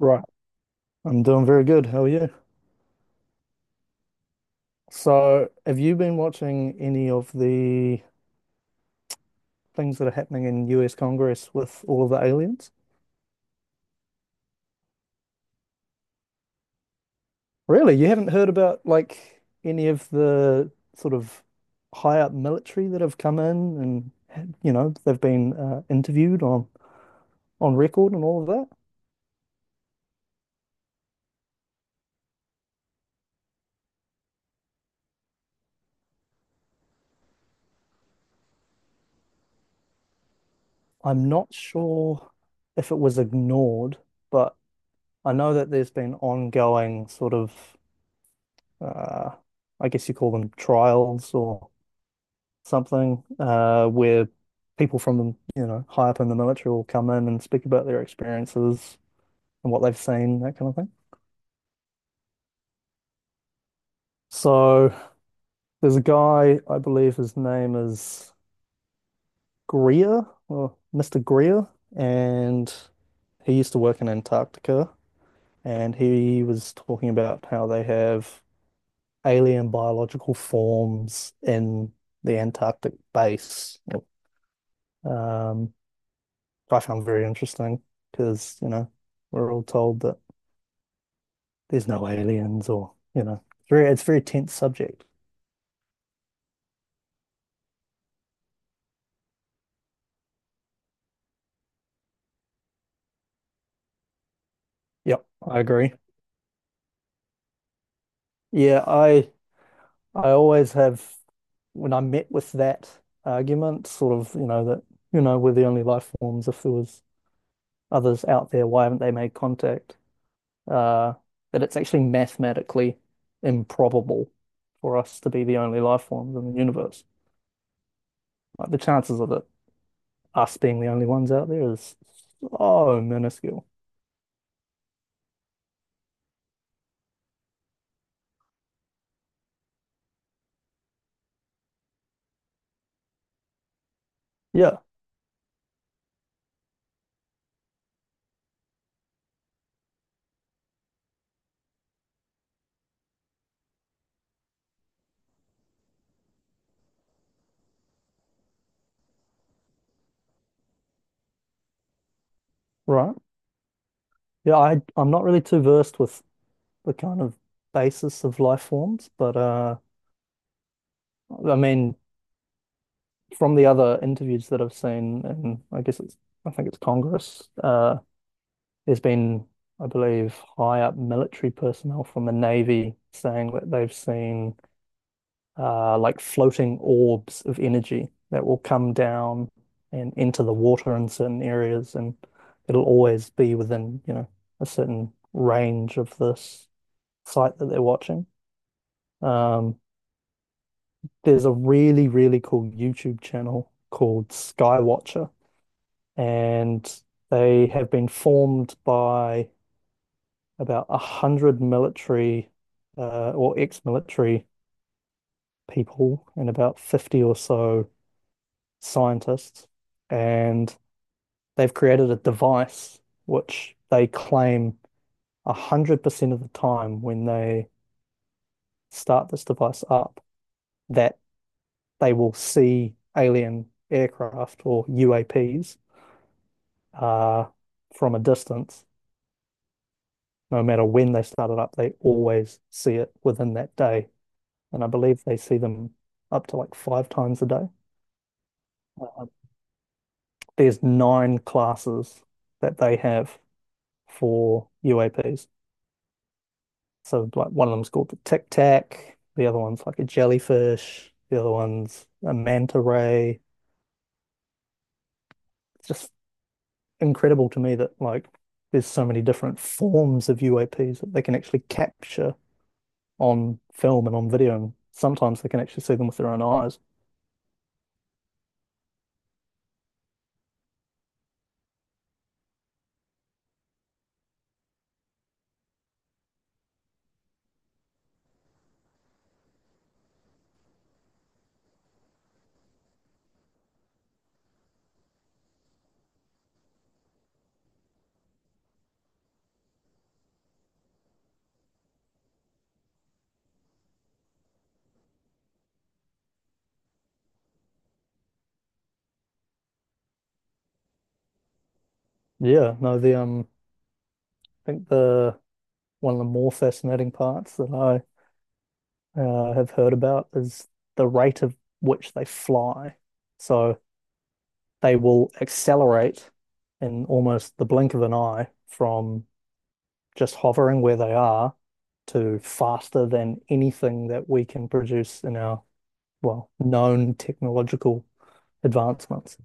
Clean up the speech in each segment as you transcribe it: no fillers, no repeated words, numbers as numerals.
Right. I'm doing very good. How are you? So, have you been watching any of the things that are happening in US Congress with all of the aliens? Really? You haven't heard about like any of the sort of high up military that have come in and they've been interviewed on record and all of that? I'm not sure if it was ignored, but I know that there's been ongoing sort of uh, I guess you call them trials or something where people from, high up in the military will come in and speak about their experiences and what they've seen, that kind of thing. So there's a guy, I believe his name is Greer or Mr. Greer, and he used to work in Antarctica and he was talking about how they have alien biological forms in the Antarctic base. Um, I found very interesting because, we're all told that there's no aliens or, it's a very tense subject. Yep, I agree. Yeah, I always have when I'm met with that argument, sort of, that, we're the only life forms. If there was others out there, why haven't they made contact? Uh, that it's actually mathematically improbable for us to be the only life forms in the universe. Like the chances of it us being the only ones out there is so minuscule. Yeah, right. Yeah, I'm not really too versed with the kind of basis of life forms, but I mean from the other interviews that I've seen and I guess it's I think it's Congress, there's been I believe high up military personnel from the Navy saying that they've seen like floating orbs of energy that will come down and enter the water in certain areas, and it'll always be within, a certain range of this site that they're watching. Um, there's a really, really cool YouTube channel called Skywatcher, and they have been formed by about 100 military or ex-military people and about 50 or so scientists, and they've created a device which they claim 100% of the time when they start this device up that they will see alien aircraft or UAPs uh, from a distance. No matter when they start it up, they always see it within that day. And I believe they see them up to like five times a day. Uh, there's nine classes that they have for UAPs. So like one of them's called the Tic Tac, the other one's like a jellyfish, the other one's a manta ray. It's just incredible to me that like there's so many different forms of UAPs that they can actually capture on film and on video, and sometimes they can actually see them with their own eyes. Yeah, no, the I think the one of the more fascinating parts that I have heard about is the rate of which they fly. So they will accelerate in almost the blink of an eye from just hovering where they are to faster than anything that we can produce in our, well, known technological advancements.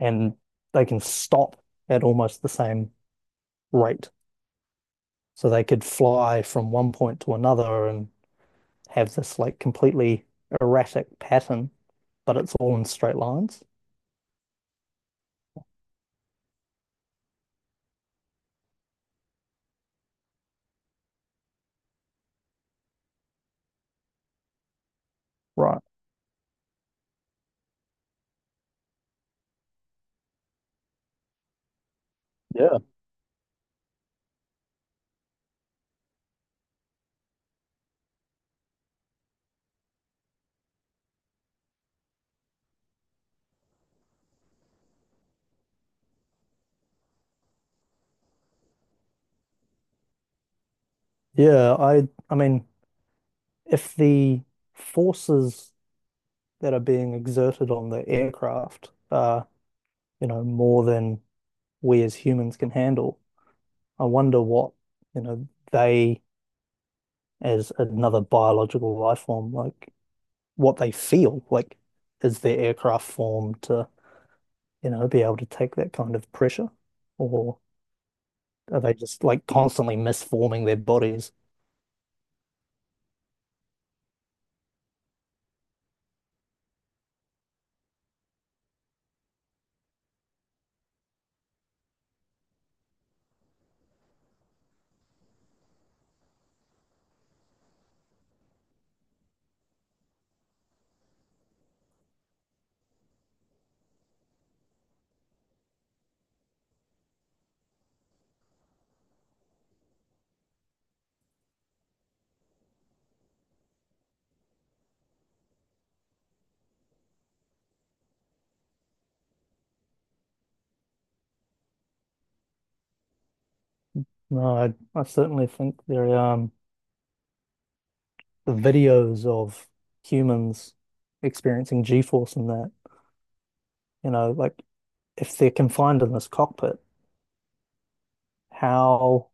And they can stop at almost the same rate. So they could fly from one point to another and have this like completely erratic pattern, but it's all in straight lines. Right. Yeah. Yeah, I mean, if the forces that are being exerted on the aircraft are, more than we as humans can handle, I wonder what, they as another biological life form, like what they feel. Like, is their aircraft formed to, be able to take that kind of pressure? Or are they just like constantly misforming their bodies? No, I certainly think they're the videos of humans experiencing G-force and that, like if they're confined in this cockpit, how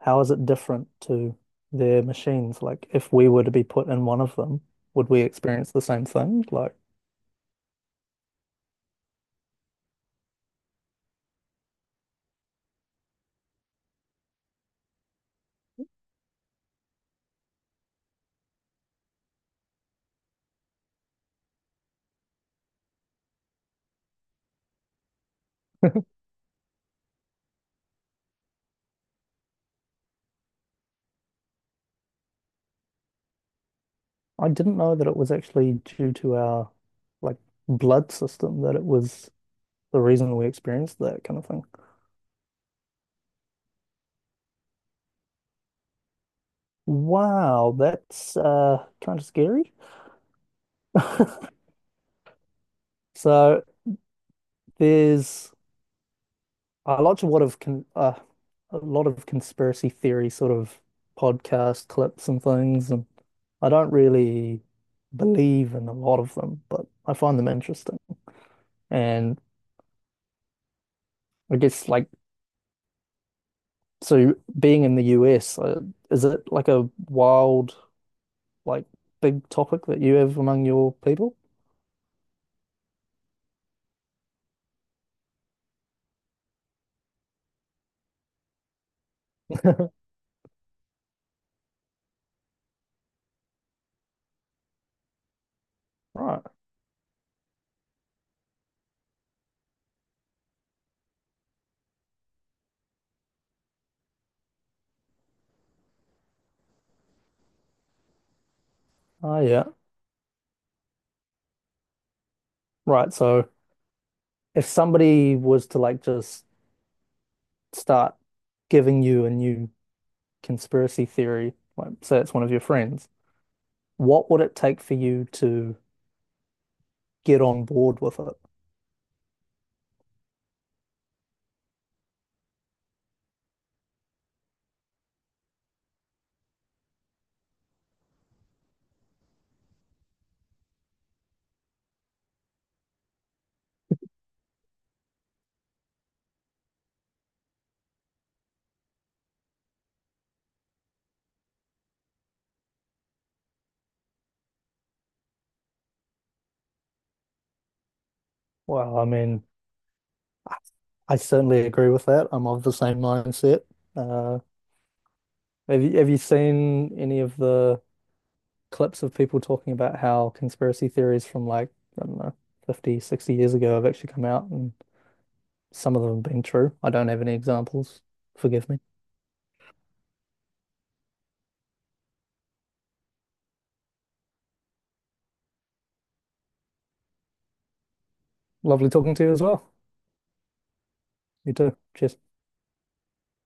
how is it different to their machines? Like if we were to be put in one of them, would we experience the same thing? Like I didn't know that it was actually due to our like blood system that it was the reason we experienced that kind of thing. Wow, that's kind of scary. So there's I watch a lot of conspiracy theory sort of podcast clips and things, and I don't really believe in a lot of them, but I find them interesting. And I guess like so, being in the US, is it like a wild, like big topic that you have among your people? Right. Oh yeah. Right. So if somebody was to like just start giving you a new conspiracy theory, like say it's one of your friends. What would it take for you to get on board with it? Well, I mean, I I certainly agree with that. I'm of the same mindset. Uh, have you seen any of the clips of people talking about how conspiracy theories from like, I don't know, 50, 60 years ago have actually come out and some of them have been true. I don't have any examples. Forgive me. Lovely talking to you as well. You too. Cheers.